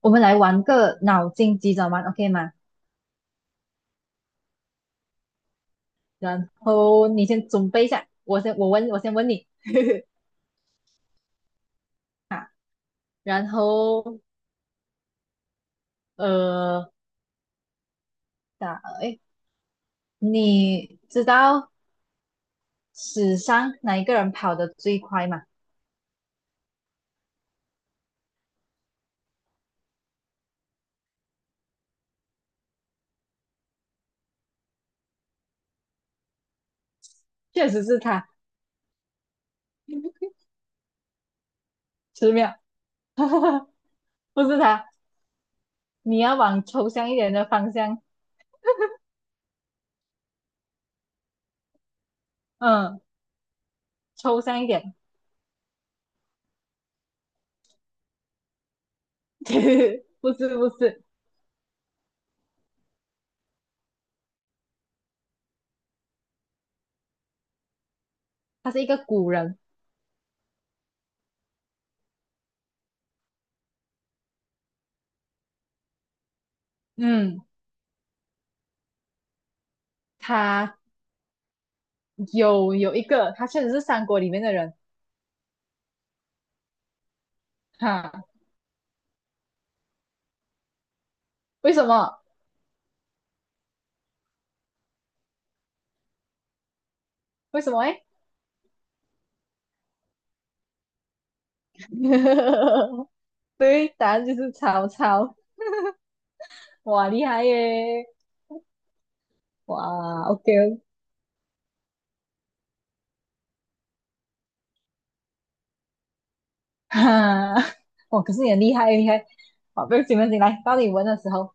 我们来玩个脑筋急转弯，OK 吗？然后你先准备一下，我先问你 啊，然后呃，打诶，你知道史上哪一个人跑得最快吗？确实是他，10秒，不是他，你要往抽象一点的方向，嗯，抽象一点，不是，他是一个古人，嗯，他有一个，他确实是三国里面的人。哈，为什么？为什么诶？对，答案就是曹操。哇，厉害耶！哇，OK，哈，哇，可是你很厉害，厉害。好，不要紧，不要紧来，到你闻的时候，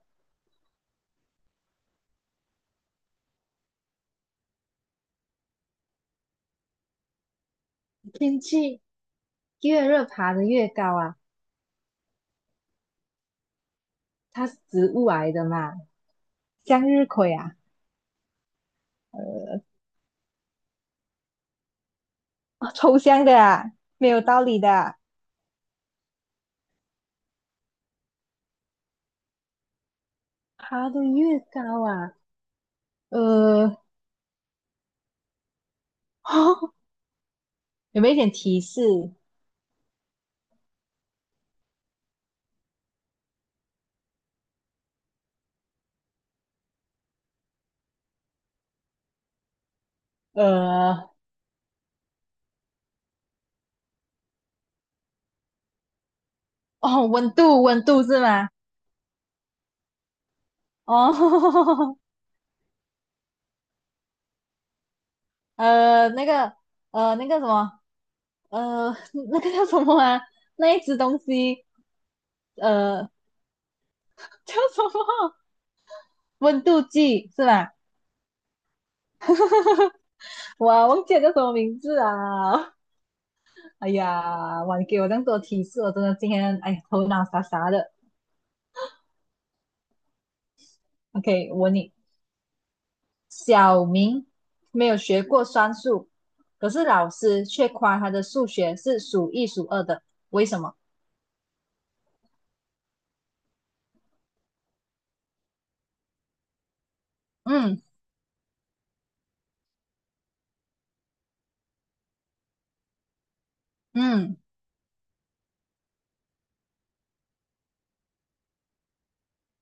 天气越热爬得越高啊，它是植物来的嘛，向日葵啊，呃，抽象的啊，没有道理的啊爬得越高啊，呃，有没有一点提示？呃，哦，温度，温度是吗？哦，那个，那个什么，呃，那个叫什么啊？那一只东西，呃，叫什么？温度计是吧？我忘记了叫什么名字啊！哎呀，哇，你给我这么多提示，我真的今天哎头脑傻傻的。OK，我问你，小明没有学过算术，可是老师却夸他的数学是数一数二的，为什么？嗯嗯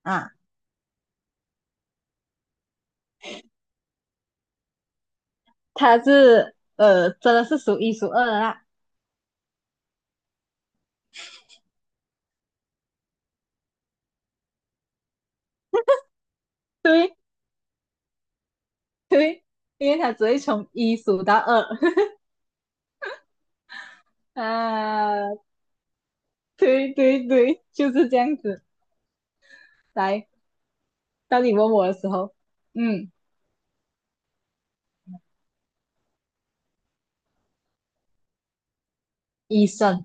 啊。他是真的是数一数二的啦。对对，因为他只会从一数到二 啊。对对对，就是这样子。来，当你问我的时候，嗯，医生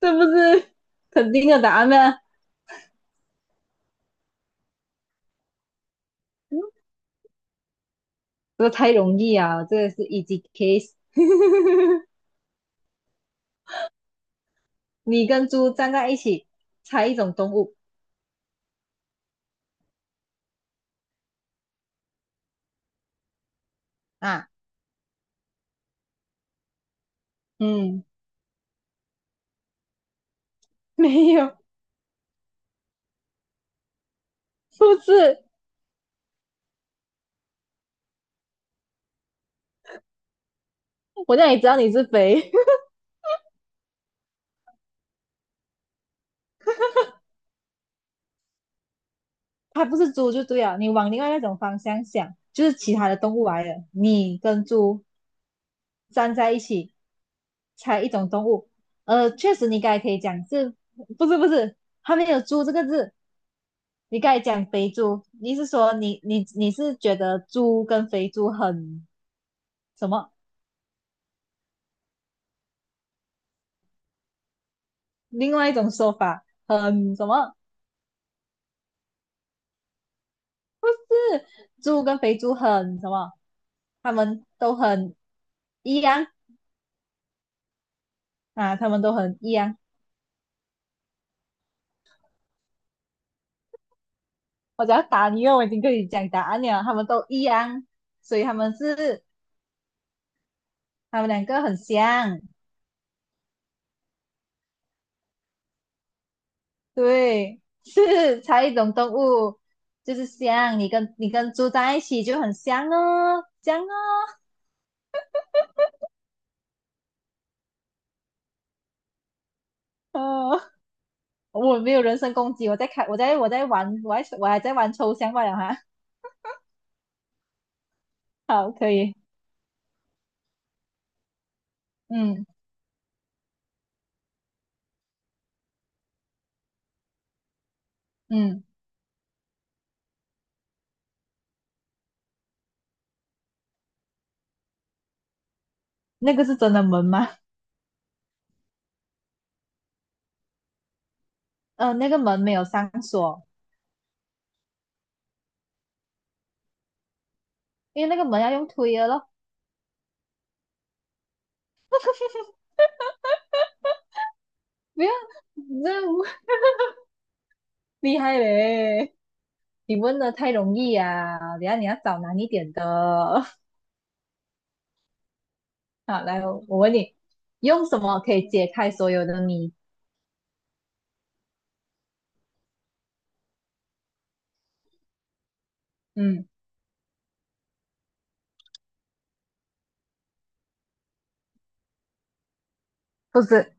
这不是肯定的答案呢？这个太容易啊，这个是 easy case。你跟猪站在一起，猜一种动物啊？嗯，没有，不是。我让你知道你是肥。它不是猪就对了，你往另外那种方向想，就是其他的动物来了，你跟猪站在一起，猜一种动物。呃，确实你刚才可以讲是，不是，它没有猪这个字。你刚才讲肥猪，你是说你是觉得猪跟肥猪很什么？另外一种说法很什么？是猪跟肥猪很什么？他们都很一样啊，他们都很一样。我只要答你，因为我已经跟你讲答案了，他们都一样，所以他们是他们两个很像，对，是猜一种动物，就是像你跟猪在一起就很像哦，像哦，呃，我没有人身攻击，我在开，我在玩，我还在玩抽象罢了哈，好，可以，嗯嗯，那个是真的门吗？那个门没有上锁，因为那个门要用推的咯，不要，你这样厉害嘞。你问的太容易啊，等一下你要找难一点的。好，来，我问你，用什么可以解开所有的谜？嗯，不是，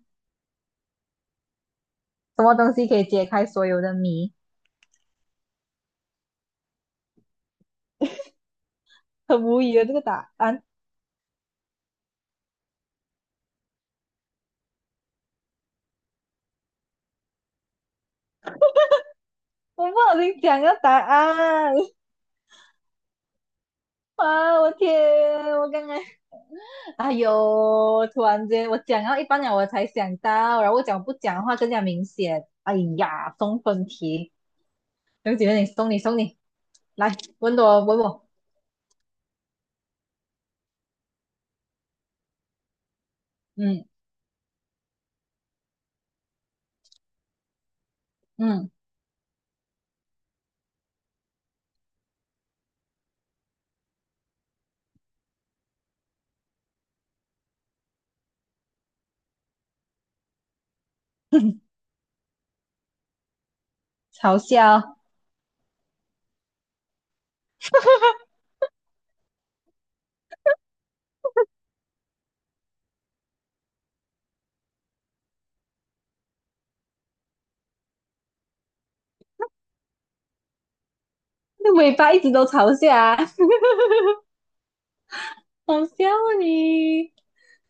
什么东西可以解开所有的谜？很无语啊，这个答案，我不小心讲个答案，啊，我天，我刚才，哎呦，突然间我讲到一半了，我才想到，然后我讲不讲的话更加明显。哎呀，送分题，有几姐，你送你，来问我问我，嗯嗯，嘲笑。那尾巴一直都朝下，好笑啊你！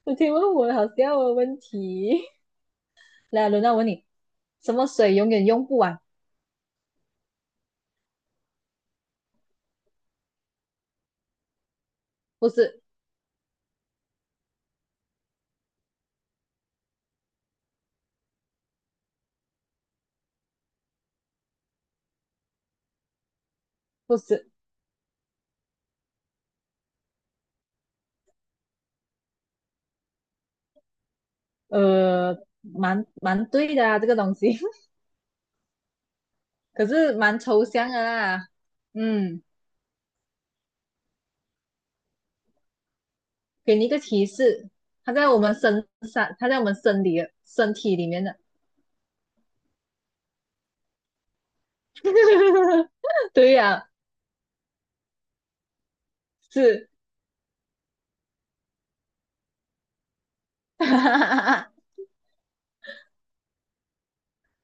我天，问我好笑的问题。来，轮到我问你，什么水永远用不完？不是，不是，蛮蛮对的啊，这个东西，可是蛮抽象的啦。嗯，给你一个提示，它在我们身上，它在我们身体的身体里面的。对呀、是，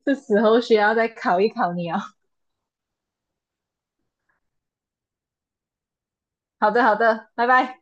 是时候需要再考一考你哦。好的，好的，拜拜。